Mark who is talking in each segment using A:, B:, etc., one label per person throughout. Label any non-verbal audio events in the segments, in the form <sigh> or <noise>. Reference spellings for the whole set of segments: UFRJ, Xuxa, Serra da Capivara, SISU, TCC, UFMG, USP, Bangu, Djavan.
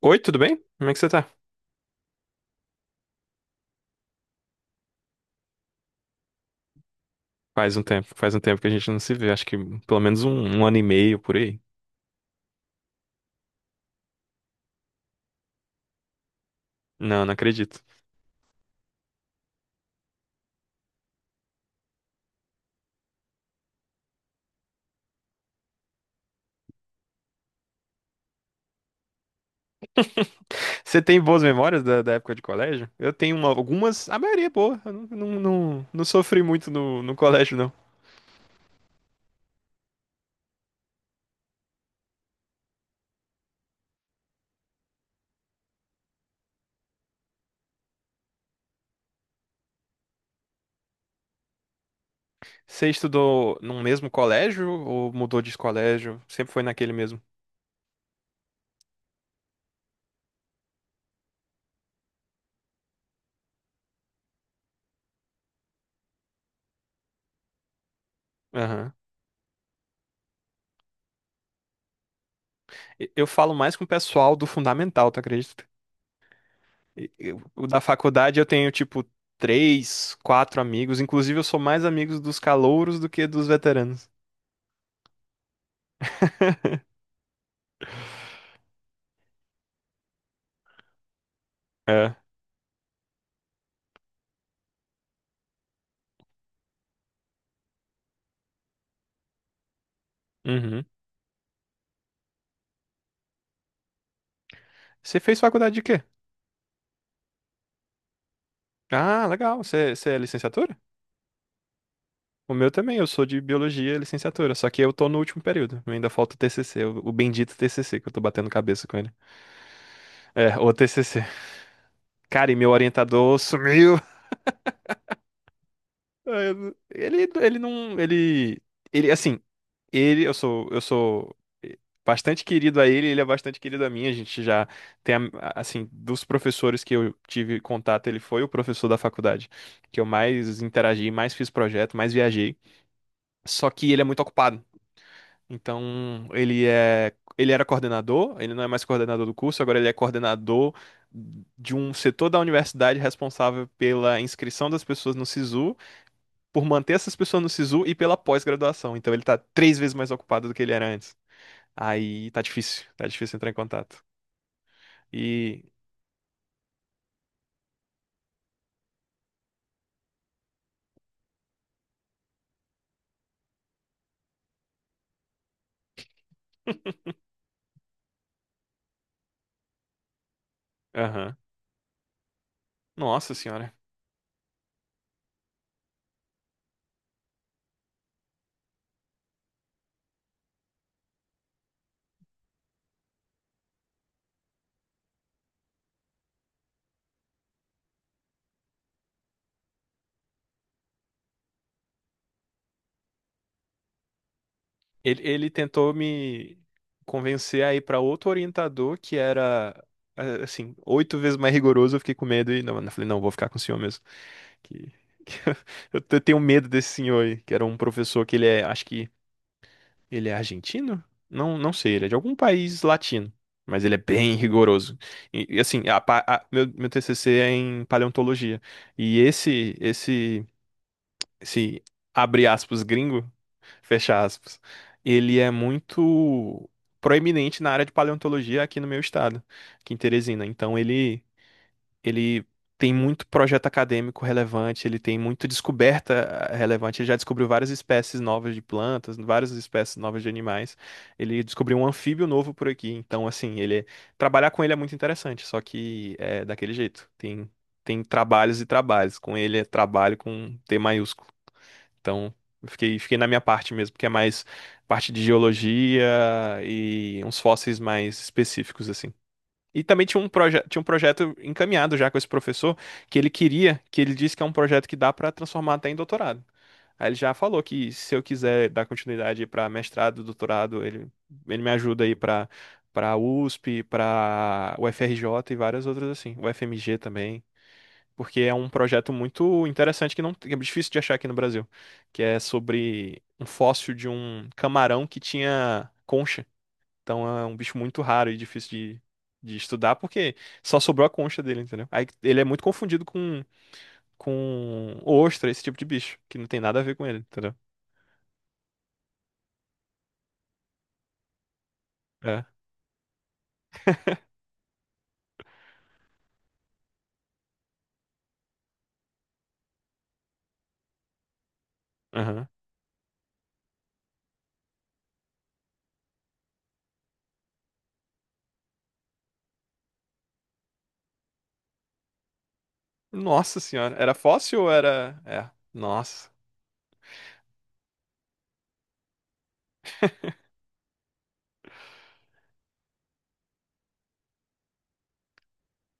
A: Oi, tudo bem? Como é que você tá? Faz um tempo que a gente não se vê, acho que pelo menos um ano e meio por aí. Não acredito. Você tem boas memórias da época de colégio? Eu tenho algumas, a maioria é boa. Eu não sofri muito no colégio, não. Você estudou num mesmo colégio ou mudou de colégio? Sempre foi naquele mesmo? Aham. Eu falo mais com o pessoal do fundamental, tu acredita? O da faculdade eu tenho, tipo, três, quatro amigos. Inclusive, eu sou mais amigos dos calouros do que dos veteranos. É. Uhum. Você fez faculdade de quê? Ah, legal. Você é licenciatura? O meu também, eu sou de biologia e licenciatura, só que eu tô no último período. Ainda falta o TCC, o bendito TCC, que eu tô batendo cabeça com ele. É, o TCC. Cara, e meu orientador sumiu. É. Ele não, ele, assim, ele, eu sou bastante querido a ele, ele é bastante querido a mim. A gente já tem, a- dos professores que eu tive contato, ele foi o professor da faculdade que eu mais interagi, mais fiz projeto, mais viajei. Só que ele é muito ocupado. Então, ele era coordenador, ele não é mais coordenador do curso, agora ele é coordenador de um setor da universidade responsável pela inscrição das pessoas no SISU, por manter essas pessoas no SISU e pela pós-graduação. Então ele tá três vezes mais ocupado do que ele era antes. Aí tá difícil entrar em contato. E, aham, nossa senhora. Ele tentou me convencer a ir pra outro orientador que era, assim, oito vezes mais rigoroso. Eu fiquei com medo e não, eu falei, não, vou ficar com o senhor mesmo. Que, que <laughs> eu tenho medo desse senhor aí, que era um professor que ele é, acho que ele é argentino? Não, não sei, ele é de algum país latino, mas ele é bem rigoroso. E, assim, a pa- a- meu TCC é em paleontologia. E esse, abre aspas, gringo, fecha aspas, ele é muito proeminente na área de paleontologia aqui no meu estado, aqui em Teresina. Então ele tem muito projeto acadêmico relevante, ele tem muita descoberta relevante. Ele já descobriu várias espécies novas de plantas, várias espécies novas de animais. Ele descobriu um anfíbio novo por aqui. Então, assim, trabalhar com ele é muito interessante, só que é daquele jeito. Tem trabalhos e trabalhos. Com ele é trabalho com T maiúsculo. Então, eu fiquei na minha parte mesmo, que é mais parte de geologia e uns fósseis mais específicos assim. E também tinha um, proje tinha um projeto encaminhado já com esse professor, que ele queria, que ele disse que é um projeto que dá para transformar até em doutorado. Aí ele já falou que se eu quiser dar continuidade para mestrado, doutorado, ele me ajuda aí para USP, para UFRJ e várias outras assim, UFMG também, porque é um projeto muito interessante que não que é difícil de achar aqui no Brasil, que é sobre um fóssil de um camarão que tinha concha, então é um bicho muito raro e difícil de estudar, porque só sobrou a concha dele, entendeu? Aí ele é muito confundido com ostra, esse tipo de bicho, que não tem nada a ver com ele, entendeu? É. Aham. Nossa senhora, era fóssil ou era. É. Nossa.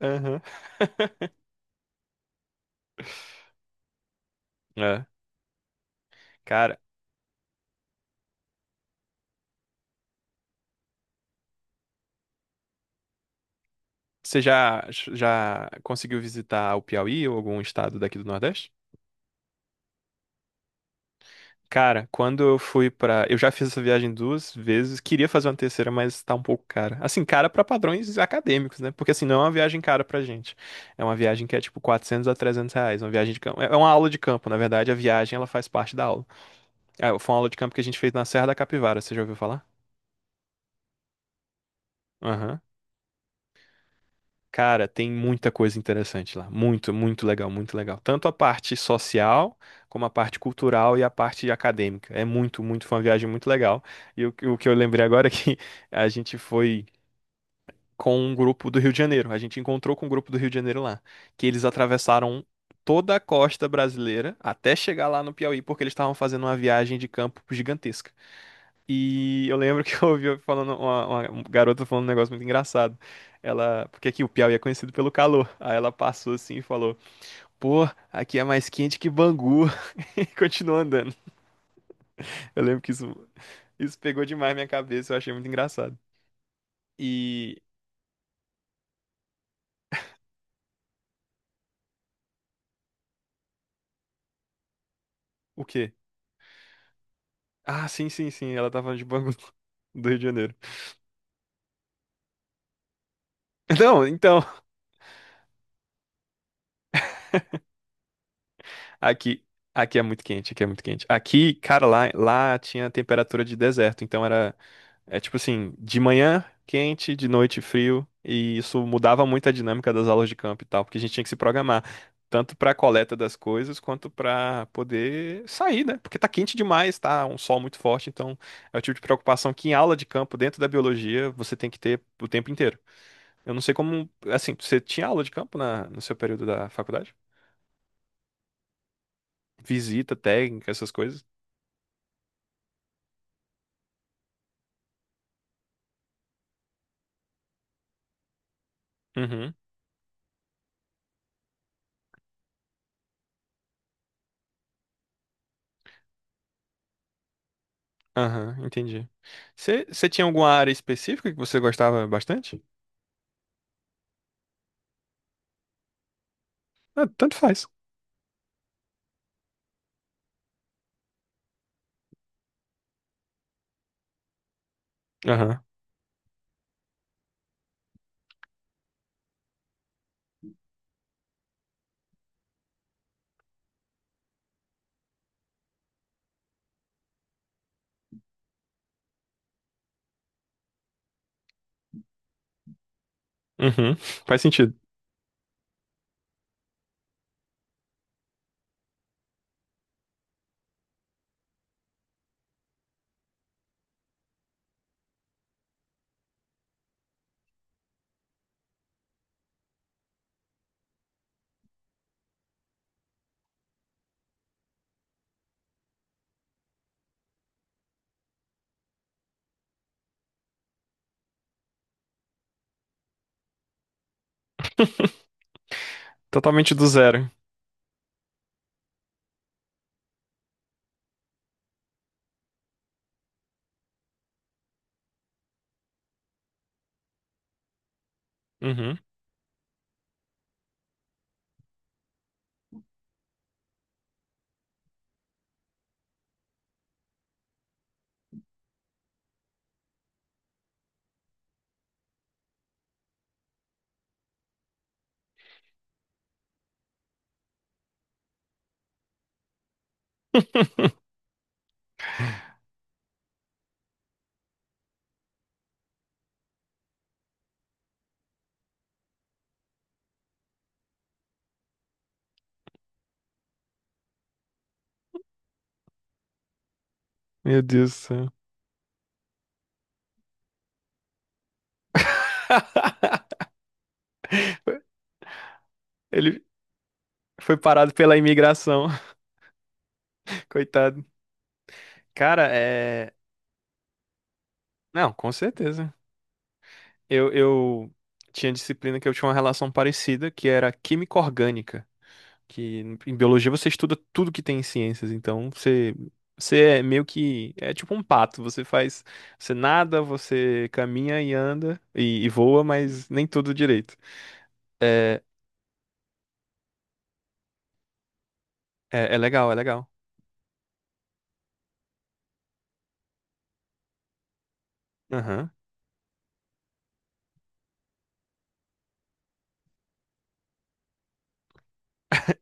A: Aham. <laughs> É. Cara, você já, já conseguiu visitar o Piauí ou algum estado daqui do Nordeste? Cara, quando eu fui pra. Eu já fiz essa viagem duas vezes, queria fazer uma terceira, mas tá um pouco cara. Assim, cara pra padrões acadêmicos, né? Porque assim, não é uma viagem cara pra gente. É uma viagem que é tipo 400 a 300 reais, uma viagem de campo. É uma aula de campo, na verdade, a viagem ela faz parte da aula. Ah, foi uma aula de campo que a gente fez na Serra da Capivara, você já ouviu falar? Aham. Cara, tem muita coisa interessante lá. Muito, muito legal, muito legal. Tanto a parte social, como a parte cultural e a parte acadêmica. É muito, muito, foi uma viagem muito legal. E o que eu lembrei agora é que <laughs> a gente foi com um grupo do Rio de Janeiro. A gente encontrou com um grupo do Rio de Janeiro lá, que eles atravessaram toda a costa brasileira até chegar lá no Piauí, porque eles estavam fazendo uma viagem de campo gigantesca. E eu lembro que eu ouvi falando uma garota falando um negócio muito engraçado. Ela, porque aqui o Piauí é conhecido pelo calor. Aí ela passou assim e falou: "Pô, aqui é mais quente que Bangu". <laughs> E continuou andando. Eu lembro que isso pegou demais minha cabeça, eu achei muito engraçado. E o quê? Ah, ela tava falando de Bangu <laughs> do Rio de Janeiro. Não, então, aqui aqui é muito quente, aqui é muito quente. Aqui, cara, lá tinha temperatura de deserto, então era. É tipo assim, de manhã quente, de noite frio, e isso mudava muito a dinâmica das aulas de campo e tal, porque a gente tinha que se programar, tanto para a coleta das coisas, quanto para poder sair, né? Porque tá quente demais, tá um sol muito forte, então é o tipo de preocupação que em aula de campo, dentro da biologia, você tem que ter o tempo inteiro. Eu não sei como, assim, você tinha aula de campo no seu período da faculdade? Visita, técnica, essas coisas? Uhum, aham, entendi. Você tinha alguma área específica que você gostava bastante? Ah, tanto faz. Aham. Uhum. Faz sentido. <laughs> Totalmente do zero. Uhum. <laughs> Meu Deus do céu. Ele foi parado pela imigração. <laughs> Coitado. Cara, é. Não, com certeza. Eu tinha disciplina que eu tinha uma relação parecida, que era química orgânica. Que em biologia você estuda tudo que tem em ciências. Então você. Você é meio que. É tipo um pato. Você faz. Você nada, você caminha e anda e voa, mas nem tudo direito. É. É, é legal, é legal. Aham. <laughs>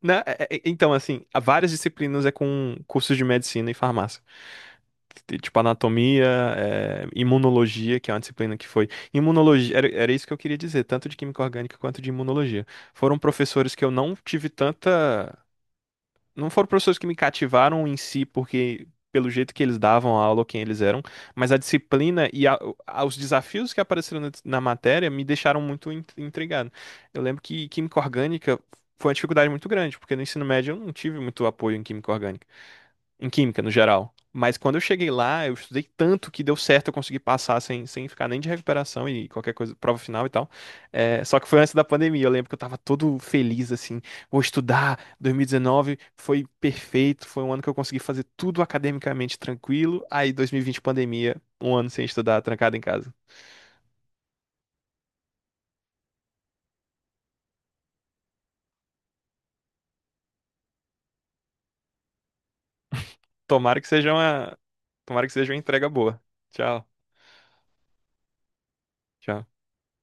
A: Né, é, então, assim, há várias disciplinas é com cursos de medicina e farmácia. Tipo, anatomia, é, imunologia, que é uma disciplina que foi. Imunologia, era isso que eu queria dizer, tanto de química orgânica quanto de imunologia. Foram professores que eu não tive tanta. Não foram professores que me cativaram em si, porque pelo jeito que eles davam a aula, ou quem eles eram, mas a disciplina e os desafios que apareceram na matéria me deixaram muito intrigado. Eu lembro que química orgânica foi uma dificuldade muito grande, porque no ensino médio eu não tive muito apoio em química orgânica em química, no geral. Mas quando eu cheguei lá, eu estudei tanto que deu certo, eu consegui passar sem ficar nem de recuperação e qualquer coisa, prova final e tal. É, só que foi antes da pandemia, eu lembro que eu tava todo feliz, assim, vou estudar, 2019 foi perfeito, foi um ano que eu consegui fazer tudo academicamente tranquilo, aí 2020 pandemia, um ano sem estudar, trancado em casa. Tomara que seja uma, Tomara que seja uma entrega boa. Tchau. Tchau.